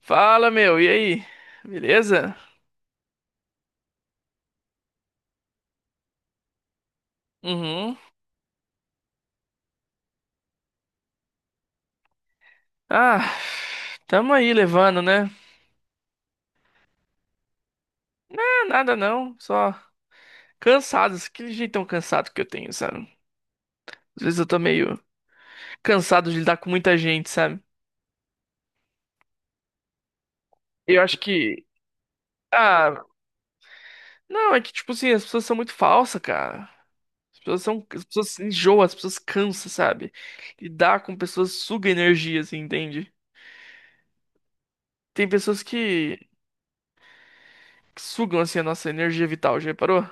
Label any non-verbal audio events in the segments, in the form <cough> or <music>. Fala, meu, e aí? Beleza? Uhum. Ah, tamo aí levando, né? Ah, nada não, só cansados, aquele jeitão cansado que eu tenho, sabe? Às vezes eu tô meio cansado de lidar com muita gente, sabe? Eu acho que. Ah, não, é que tipo assim, as pessoas são muito falsas, cara. As pessoas são. As pessoas se enjoam, as pessoas cansam, sabe? Lidar com pessoas suga energia, assim, entende? Tem pessoas que sugam, assim, a nossa energia vital, já reparou?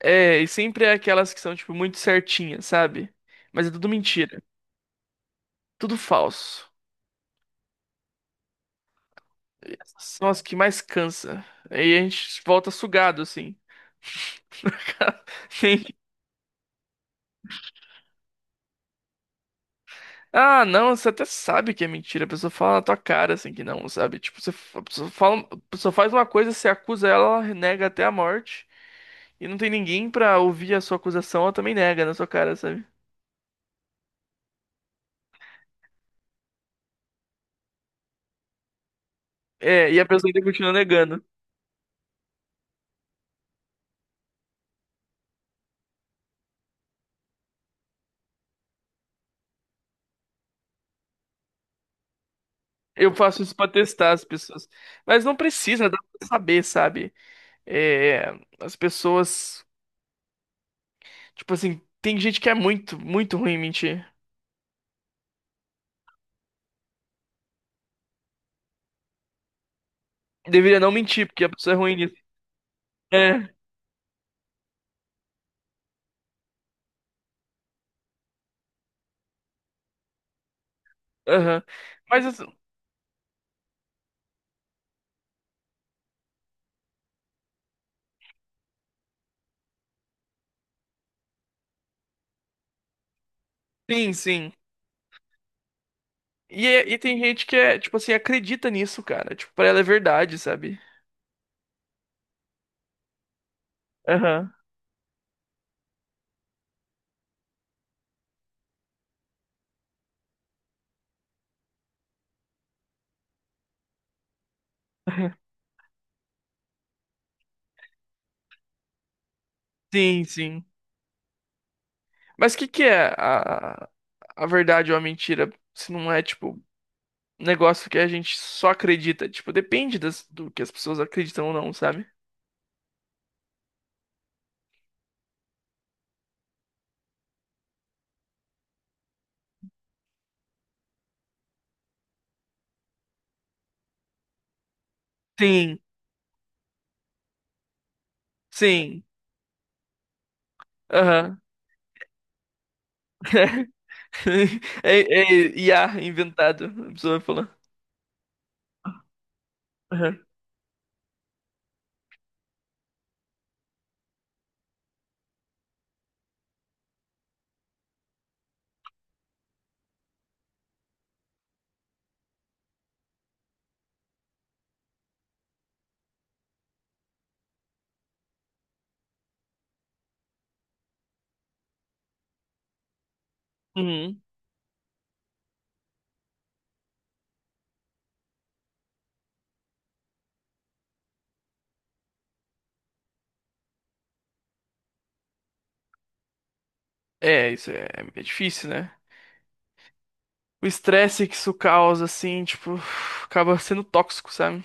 É, e sempre é aquelas que são, tipo, muito certinhas, sabe? Mas é tudo mentira. Tudo falso. Essas são as que mais cansa. Aí a gente volta sugado, assim. <laughs> Sim. Ah, não, você até sabe que é mentira. A pessoa fala na tua cara, assim, que não, sabe? Tipo, você, a pessoa fala, a pessoa faz uma coisa, você acusa ela, ela nega até a morte. E não tem ninguém pra ouvir a sua acusação, ela também nega na sua cara, sabe? É, e a pessoa ainda continua negando. Eu faço isso pra testar as pessoas. Mas não precisa, dá pra saber, sabe? É, as pessoas. Tipo assim, tem gente que é muito, muito ruim em mentir. Deveria não mentir, porque a pessoa é ruim nisso. É, aham. Mas assim, sim, sim. E, e tem gente que é, tipo assim, acredita nisso, cara. Tipo, pra ela é verdade, sabe? Aham. <laughs> Sim, sim. Mas o que que é a verdade ou a mentira? Se não é, tipo, negócio que a gente só acredita. Tipo, depende do que as pessoas acreditam ou não, sabe? Sim, sim. Aham. <laughs> É, é IA inventado, a pessoa vai falar. Aham. Uhum. É, isso é, é difícil, né? O estresse que isso causa, assim, tipo, acaba sendo tóxico, sabe?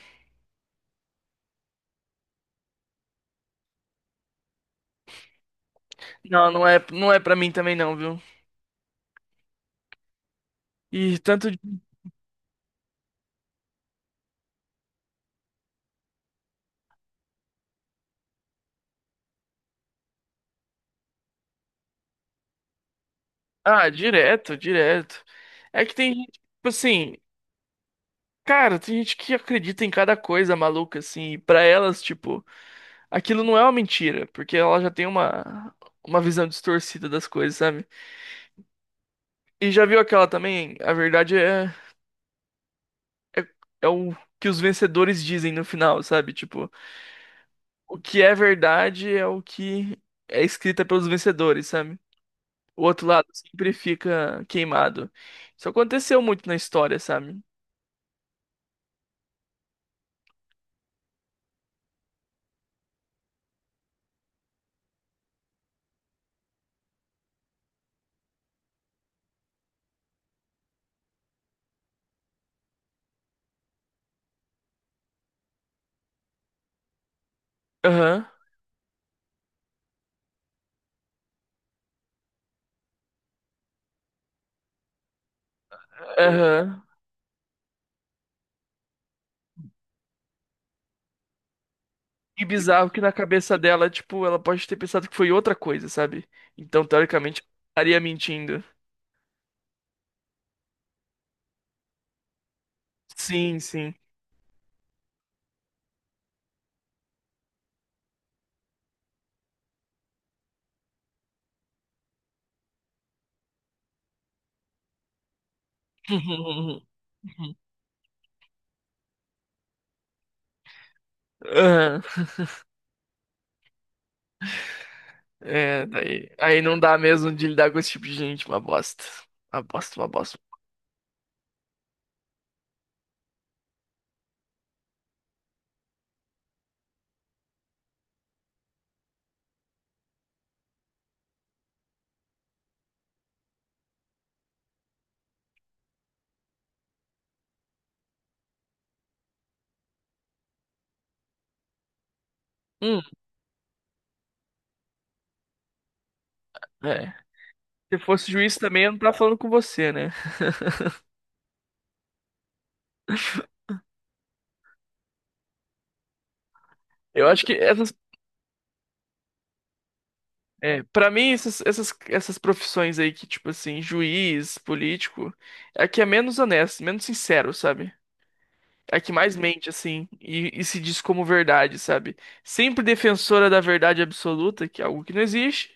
Não, não é pra mim também não, viu? E tanto. Ah, direto, direto. É que tem gente, tipo assim, cara, tem gente que acredita em cada coisa maluca, assim, e pra elas, tipo. Aquilo não é uma mentira, porque ela já tem uma visão distorcida das coisas, sabe? E já viu aquela também? A verdade é, é o que os vencedores dizem no final, sabe? Tipo, o que é verdade é o que é escrita pelos vencedores, sabe? O outro lado sempre fica queimado. Isso aconteceu muito na história, sabe? Aham, aham. E bizarro que na cabeça dela, tipo, ela pode ter pensado que foi outra coisa, sabe? Então, teoricamente, estaria mentindo. Sim, sim. <laughs> Aham. É, daí, aí não dá mesmo de lidar com esse tipo de gente, uma bosta. Uma bosta, uma bosta. Hum, é. Se fosse juiz também, eu não tava falando com você, né? <laughs> Eu acho que essas, é, para mim essas profissões aí que tipo assim, juiz, político, é a que é menos honesto, menos sincero, sabe? É a que mais mente assim e se diz como verdade, sabe? Sempre defensora da verdade absoluta, que é algo que não existe,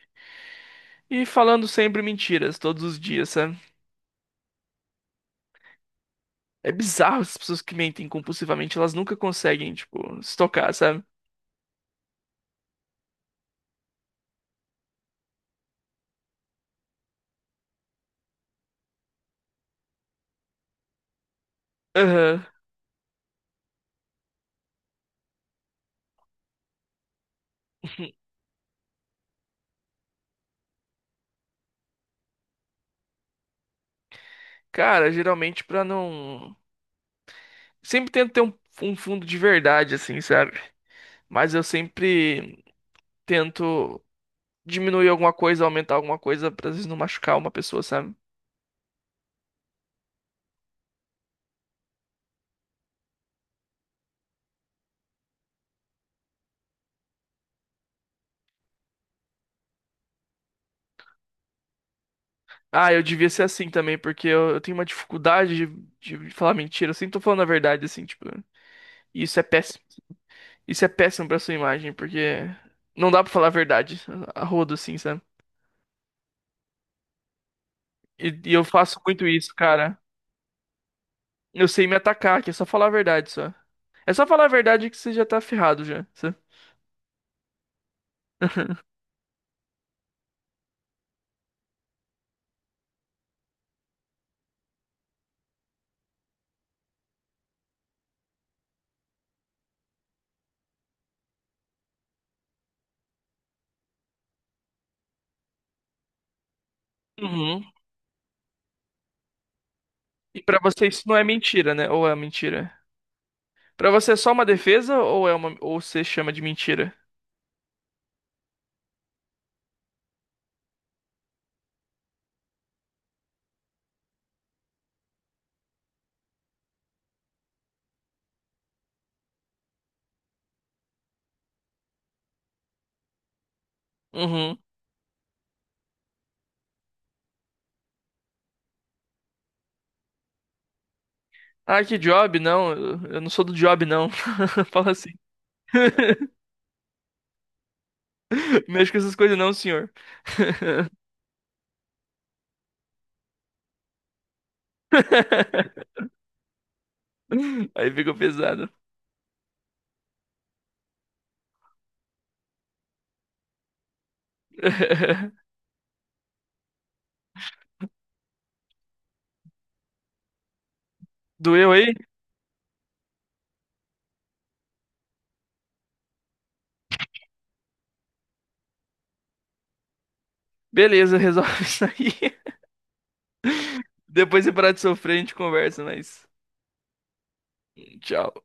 e falando sempre mentiras todos os dias, sabe? É bizarro essas pessoas que mentem compulsivamente, elas nunca conseguem, tipo, se tocar, sabe? Aham. <laughs> Cara, geralmente pra não. Sempre tento ter um, um fundo de verdade, assim, sabe? Mas eu sempre tento diminuir alguma coisa, aumentar alguma coisa, pra às vezes não machucar uma pessoa, sabe? Ah, eu devia ser assim também, porque eu tenho uma dificuldade de falar mentira. Eu sempre tô falando a verdade, assim, tipo. E isso é péssimo. Isso é péssimo pra sua imagem, porque não dá pra falar a verdade a rodo, assim, sabe? E eu faço muito isso, cara. Eu sei me atacar, que é só falar a verdade, só. É só falar a verdade que você já tá ferrado já. Só. <laughs> Uhum. E pra você isso não é mentira, né? Ou é mentira? Pra você é só uma defesa ou é uma ou você chama de mentira? Uhum. Ah, que job? Não, eu não sou do job, não. <laughs> Fala assim. <laughs> Mexe com essas coisas não, senhor. <laughs> Aí fica pesado. <laughs> Doeu aí? Beleza, resolve isso aí. Depois de parar de sofrer, a gente conversa, mas. Tchau.